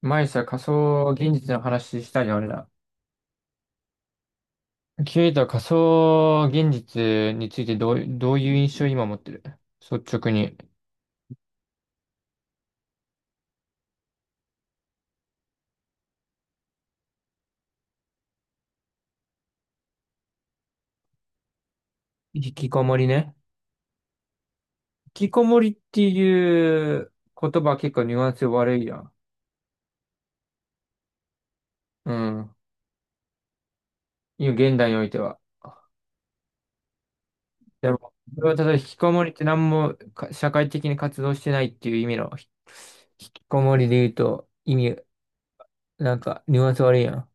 前さ、仮想現実の話したじゃん、俺ら。ケイタは仮想現実についてどういう印象を今持ってる率直に。引きこもりね。引きこもりっていう言葉は結構ニュアンス悪いやん。うん。今、現代においては。でも、それはただ引きこもりって何もか社会的に活動してないっていう意味の引きこもりで言うと意味、なんかニュアンス悪いやん。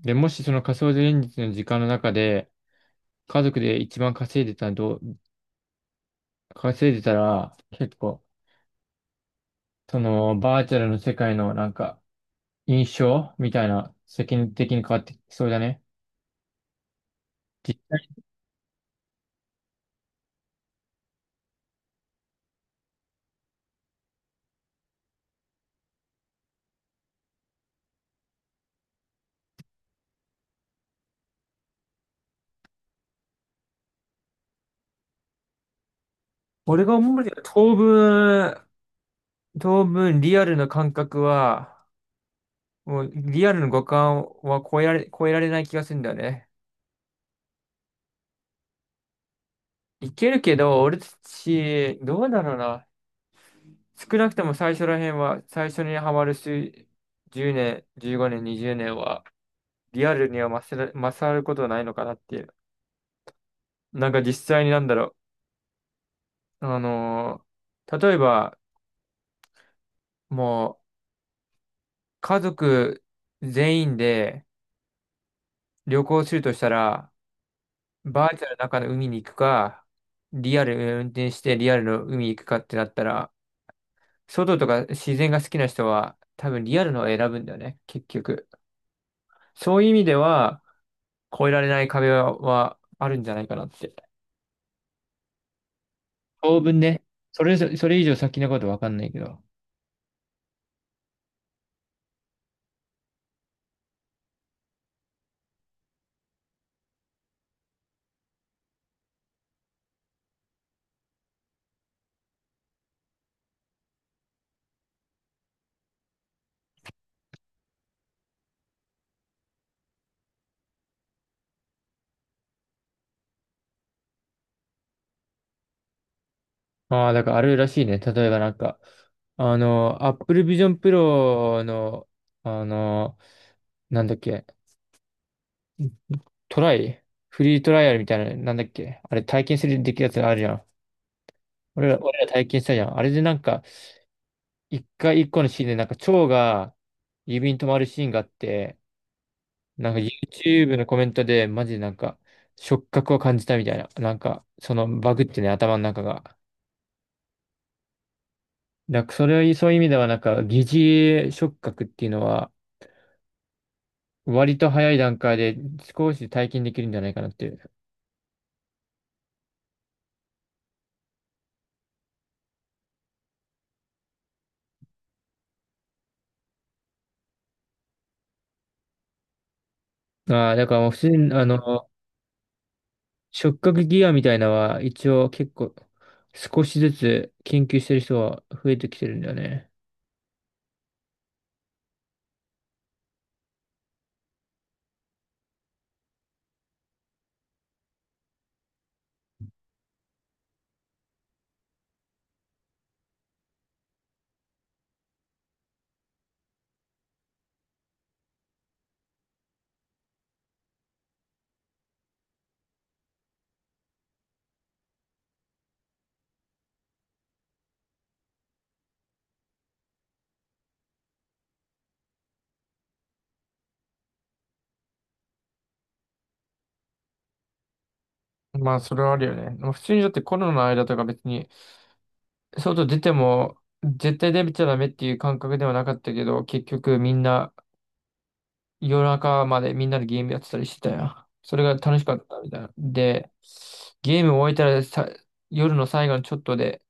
で、もしその仮想現実の時間の中で、家族で一番稼いでたら、結構、その、バーチャルの世界のなんか、印象みたいな、世間的に変わってきそうだね。実際、俺が思うには当分リアルな感覚は、もうリアルの五感は超えられない気がするんだよね。いけるけど、俺たち、どうだろうな。少なくとも最初ら辺は、最初にハマる数、10年、15年、20年は、リアルには勝ることはないのかなっていう。なんか実際になんだろう。例えば、もう、家族全員で旅行するとしたら、バーチャルの中の海に行くか、リアル運転してリアルの海に行くかってなったら、外とか自然が好きな人は多分リアルのを選ぶんだよね、結局。そういう意味では、越えられない壁はあるんじゃないかなって。当分ね、それ以上先のことわかんないけど。ああ、だからあるらしいね。例えばなんか、あの、Apple Vision Pro の、あの、なんだっけ、トライフリートライアルみたいな、なんだっけあれ体験するできるやつあるじゃん。俺ら体験したじゃん。あれでなんか、一個のシーンでなんか蝶が指に止まるシーンがあって、なんか YouTube のコメントでマジでなんか、触覚を感じたみたいな。なんか、そのバグってね、頭の中が。だからそれは、そういう意味ではなんか、疑似触覚っていうのは、割と早い段階で少し体験できるんじゃないかなっていう。ああ、だからもう普通に、あの、触覚ギアみたいなのは一応結構少しずつ研究してる人は増えてきてるんだよね。まあ、それはあるよね。まあ普通にだってコロナの間とか別に、外出ても絶対出ちゃダメっていう感覚ではなかったけど、結局みんな、夜中までみんなでゲームやってたりしてたよ。それが楽しかったみたいな。で、ゲーム終えたらさ、夜の最後のちょっとで、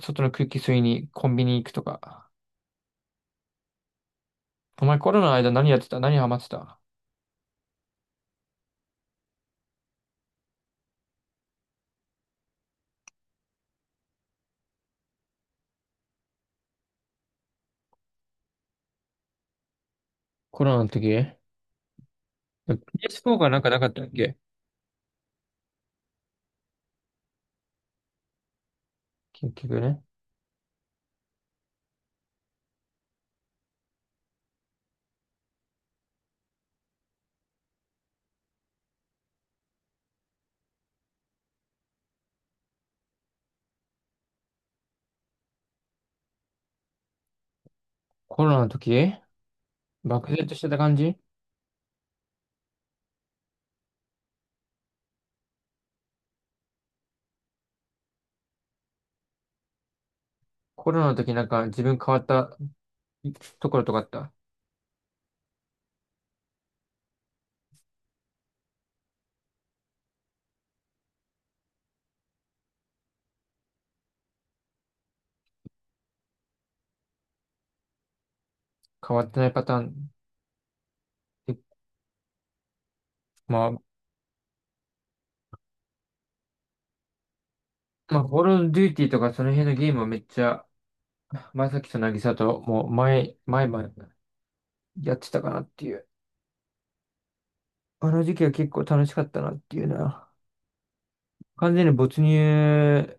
外の空気吸いにコンビニ行くとか。お前コロナの間何やってた何ハマってた。コロナの時、PS4 がなんかなかったっけ。結局ね。コロナの時、漠然としてた感じ。コロナの時なんか自分変わったところとかあった。変わってないパターン。まあ、まあ、コールオブデューティーとかその辺のゲームはめっちゃ前崎と渚ともう前々やってたかなっていう。あの時期は結構楽しかったなっていうな。完全に没入、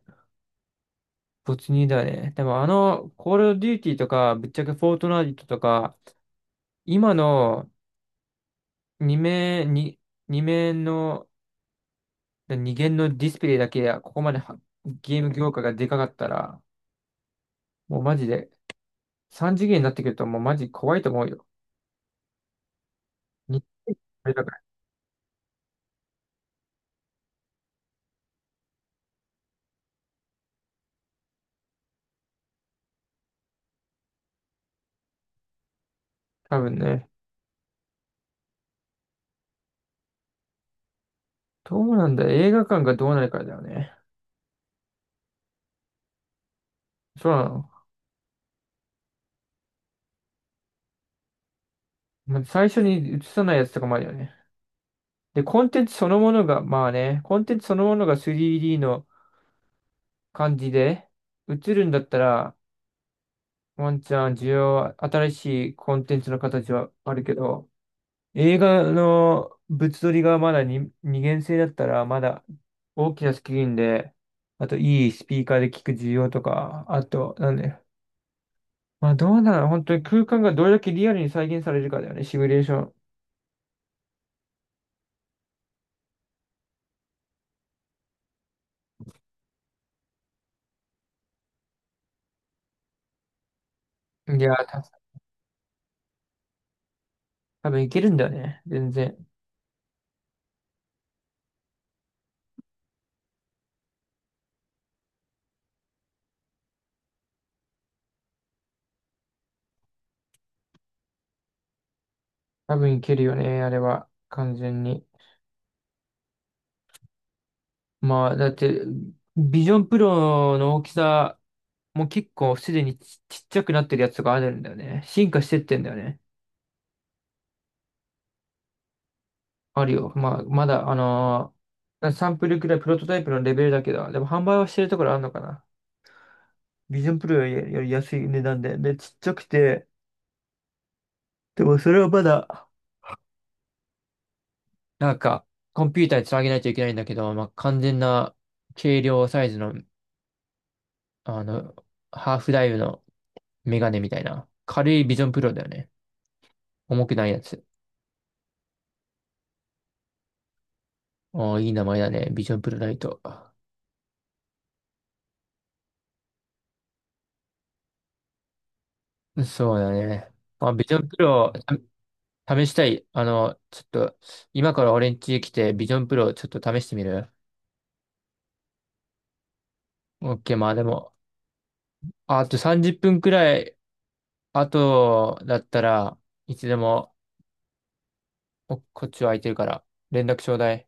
没入だね。でもあの、コールドデューティーとか、ぶっちゃけフォートナイトとか、今の2面、に二面の、2限のディスプレイだけや、ここまではゲーム業界がでかかったら、もうマジで、3次元になってくるともうマジ怖いと思うよ。にだから、多分ね。どうなんだ、映画館がどうなるかだよね。そうなの。まあ最初に映さないやつとかもあるよね。で、コンテンツそのものが 3D の感じで映るんだったら、ワンチャン需要は、新しいコンテンツの形はあるけど、映画の物撮りがまだに二元性だったら、まだ大きなスクリーンで、あといいスピーカーで聞く需要とか、あと、なんだよ。まあどうなの本当に空間がどれだけリアルに再現されるかだよね、シミュレーション。多分いけるんだよね、全然。多分いけるよね、あれは。完全に。まあ、だって、ビジョンプロの大きさもう結構すでにちっちゃくなってるやつがあるんだよね。進化してってんだよね。あるよ。まあ、まだ、サンプルくらいプロトタイプのレベルだけど、でも販売はしてるところあるのかな。ビジョンプロより、より安い値段で、で、ちっちゃくて、でもそれはまだ、なんか、コンピューターにつなげないといけないんだけど、まあ、完全な軽量サイズの、あの、ハーフダイブのメガネみたいな。軽いビジョンプロだよね。重くないやつ。ああ、いい名前だね。ビジョンプロライト。そうだね。まあ、ビジョンプロを試したい。あの、ちょっと、今から俺ん家来て、ビジョンプロをちょっと試してみる？ OK、まあでも、あと30分くらい、あとだったらいつでも、おこっちは空いてるから、連絡ちょうだい。